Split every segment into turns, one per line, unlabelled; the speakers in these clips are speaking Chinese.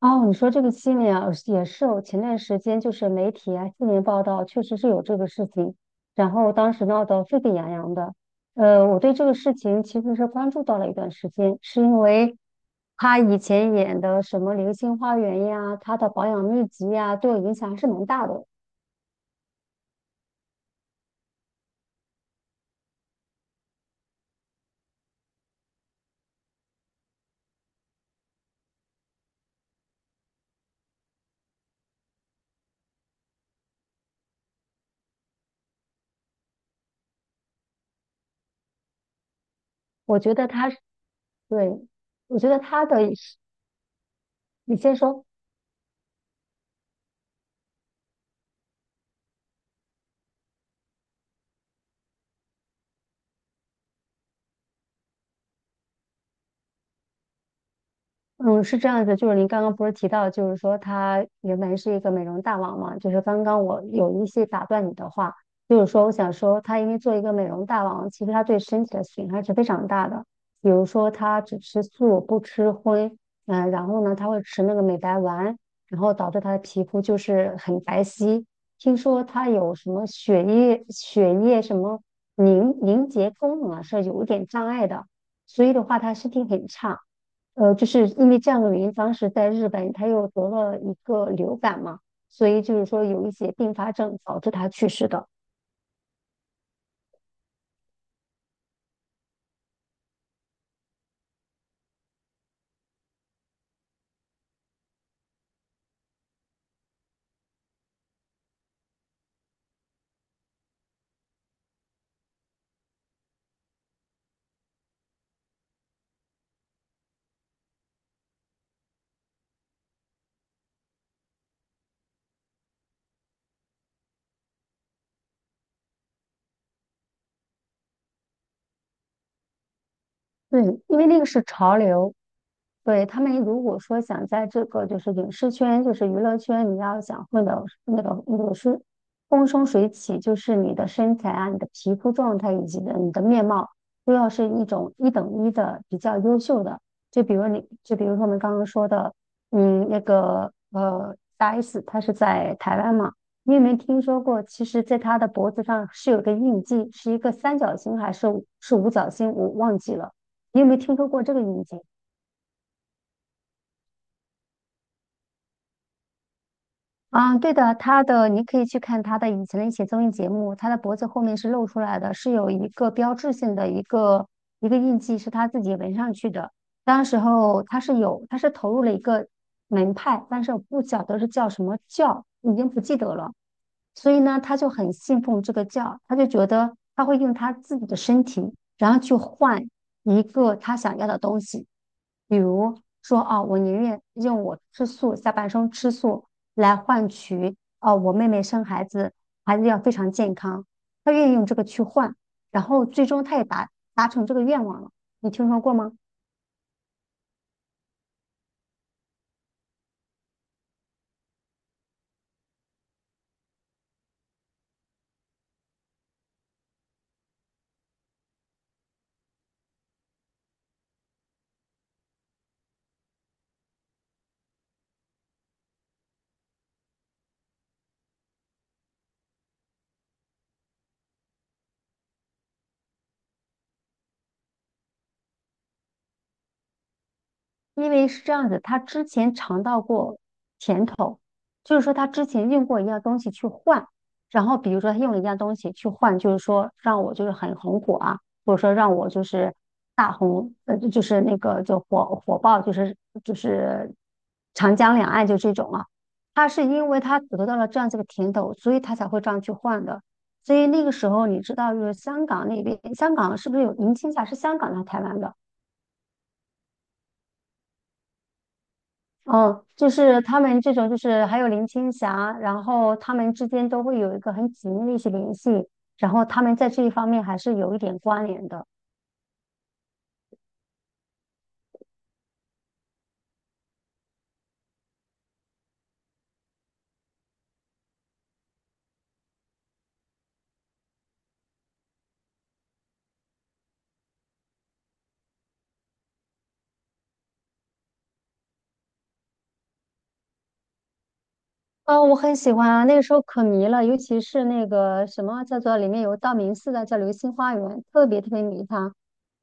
哦，你说这个新闻啊，也是我前段时间媒体啊，新闻报道确实是有这个事情，然后当时闹得沸沸扬扬的。我对这个事情其实是关注到了一段时间，是因为他以前演的什么《流星花园》呀，他的保养秘籍呀，对我影响还是蛮大的。我觉得他是，对，我觉得他的，你先说。嗯，是这样子，就是您刚刚不是提到，就是说他原本是一个美容大王嘛，就是刚刚我有一些打断你的话，就是说我想说，他因为做一个美容大王，其实他对身体的损害是非常大的。比如说他只吃素不吃荤，嗯、然后呢他会吃那个美白丸，然后导致他的皮肤就是很白皙。听说他有什么血液什么凝结功能啊是有一点障碍的，所以的话他身体很差。就是因为这样的原因，当时在日本他又得了一个流感嘛，所以就是说有一些并发症导致他去世的。对，因为那个是潮流，对，他们如果说想在这个就是影视圈，就是娱乐圈，你要想混的那个是风生水起，就是你的身材啊、你的皮肤状态以及的你的面貌，都要是一种一等一的比较优秀的。就比如你，就比如说我们刚刚说的，嗯，那个大 S，她是在台湾嘛，你有没有听说过？其实，在她的脖子上是有个印记，是一个三角形还是是五角星，我忘记了。你有没有听说过这个印记？啊，对的，他的你可以去看他的以前的一些综艺节目，他的脖子后面是露出来的，是有一个标志性的一个印记，是他自己纹上去的。当时候他是有，他是投入了一个门派，但是我不晓得是叫什么教，已经不记得了。所以呢，他就很信奉这个教，他就觉得他会用他自己的身体，然后去换一个他想要的东西，比如说啊，我宁愿用我吃素，下半生吃素。来换取哦，我妹妹生孩子，孩子要非常健康，她愿意用这个去换，然后最终她也达成这个愿望了。你听说过吗？因为是这样子，他之前尝到过甜头，就是说他之前用过一样东西去换，然后比如说他用了一样东西去换，就是说让我就是很红火啊，或者说让我就是大红，就是那个就火爆，就是长江两岸就这种啊。他是因为他得到了这样子的甜头，所以他才会这样去换的。所以那个时候你知道，就是香港那边，香港是不是有银青霞？是香港来台湾的？哦，就是他们这种，就是还有林青霞，然后他们之间都会有一个很紧密的一些联系，然后他们在这一方面还是有一点关联的。啊，我很喜欢啊，那个时候可迷了，尤其是那个什么叫做里面有道明寺的叫流星花园，特别特别迷他。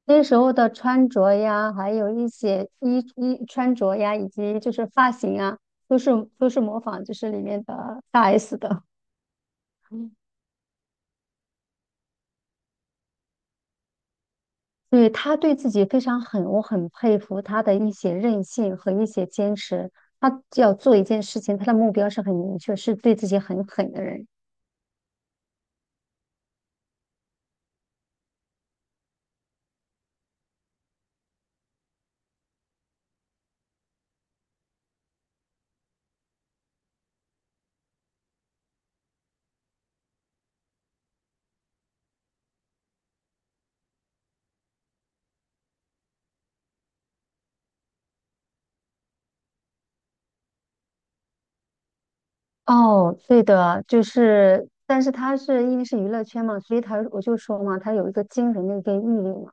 那时候的穿着呀，还有一些穿着呀，以及就是发型啊，都是都是模仿就是里面的大 S 的。对，他对自己非常狠，我很佩服他的一些韧性和一些坚持。他要做一件事情，他的目标是很明确，是对自己很狠的人。哦，对的，就是，但是他是因为是娱乐圈嘛，所以他我就说嘛，他有一个惊人的一个毅力嘛。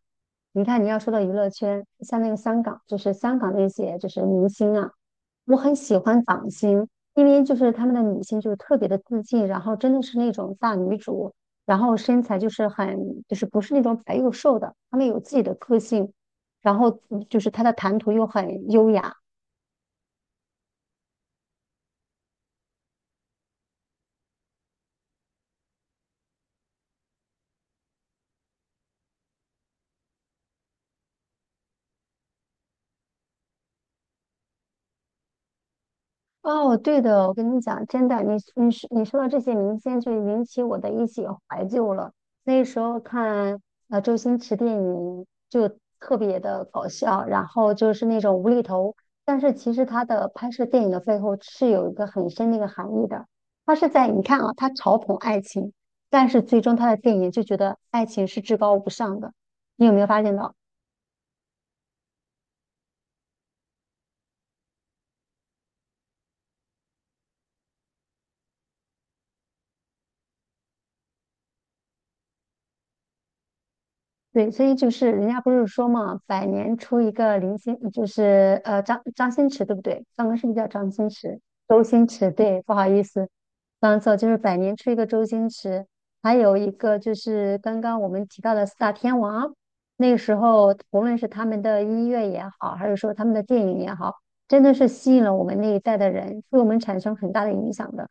你看，你要说到娱乐圈，像那个香港，就是香港那些就是明星啊，我很喜欢港星，因为就是他们的女性就是特别的自信，然后真的是那种大女主，然后身材就是很不是那种白又瘦的，她们有自己的个性，然后就是她的谈吐又很优雅。哦，对的，我跟你讲，真的，你说说到这些明星，就引起我的一些怀旧了。那时候看周星驰电影就特别的搞笑，然后就是那种无厘头，但是其实他的拍摄电影的背后是有一个很深的一个含义的。他是在你看啊，他嘲讽爱情，但是最终他的电影就觉得爱情是至高无上的，你有没有发现到？对，所以就是人家不是说嘛，百年出一个林心，就是张新驰，对不对？刚刚是不是叫张新驰？周星驰，对，不好意思，刚错，就是百年出一个周星驰，还有一个就是刚刚我们提到的四大天王，那个时候无论是他们的音乐也好，还是说他们的电影也好，真的是吸引了我们那一代的人，对我们产生很大的影响的。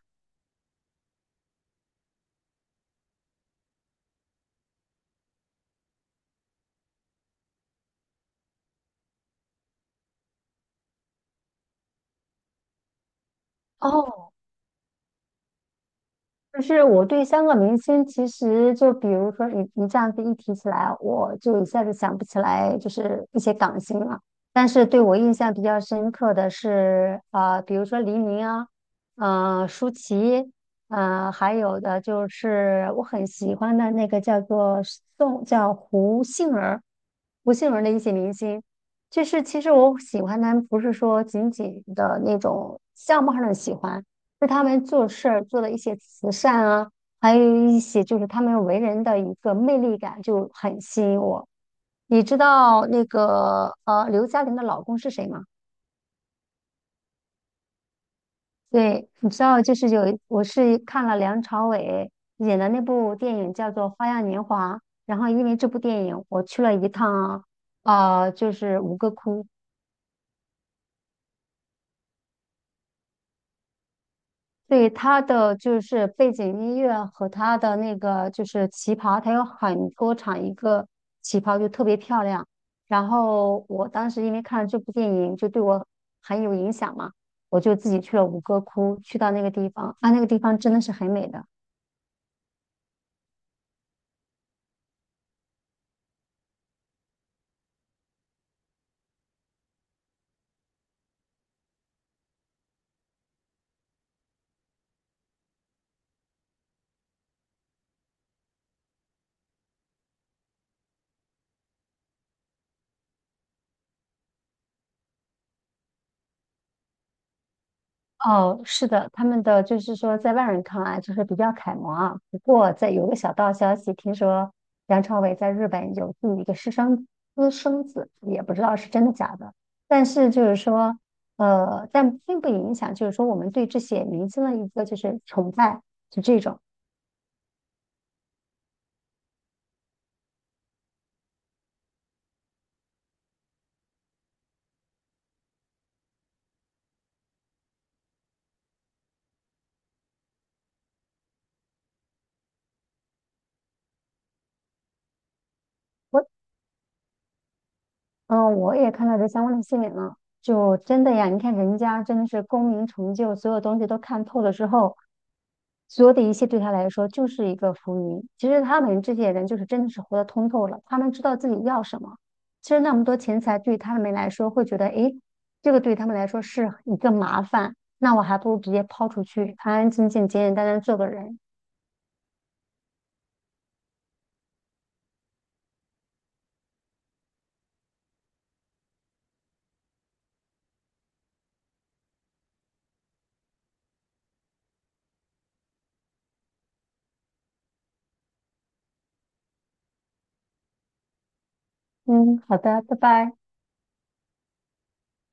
哦，就是我对香港明星，其实就比如说你这样子一提起来，我就一下子想不起来，就是一些港星了。但是对我印象比较深刻的是，比如说黎明啊，呃，舒淇，呃，还有的就是我很喜欢的那个叫做叫胡杏儿，胡杏儿的一些明星。就是其实我喜欢他们，不是说仅仅的那种相貌上的喜欢。是他们做事儿做的一些慈善啊，还有一些就是他们为人的一个魅力感就很吸引我。你知道那个刘嘉玲的老公是谁吗？对，你知道就是我是看了梁朝伟演的那部电影叫做《花样年华》，然后因为这部电影我去了一趟啊，就是吴哥窟，对他的就是背景音乐和他的那个就是旗袍，他有很多场一个旗袍就特别漂亮。然后我当时因为看了这部电影，就对我很有影响嘛，我就自己去了吴哥窟，去到那个地方啊，那个地方真的是很美的。哦，是的，他们的就是说，在外人看来就是比较楷模啊。不过，在有个小道消息，听说梁朝伟在日本有自己一个私生子，也不知道是真的假的。但是就是说，但并不影响，就是说我们对这些明星的一个就是崇拜，就这种。嗯，我也看到这相关的新闻了，就真的呀，你看人家真的是功名成就，所有东西都看透了之后，所有的一切对他来说就是一个浮云。其实他们这些人就是真的是活得通透了，他们知道自己要什么。其实那么多钱财对他们来说会觉得，诶，这个对他们来说是一个麻烦，那我还不如直接抛出去，安安静静、简简单单做个人。嗯，好的，拜拜。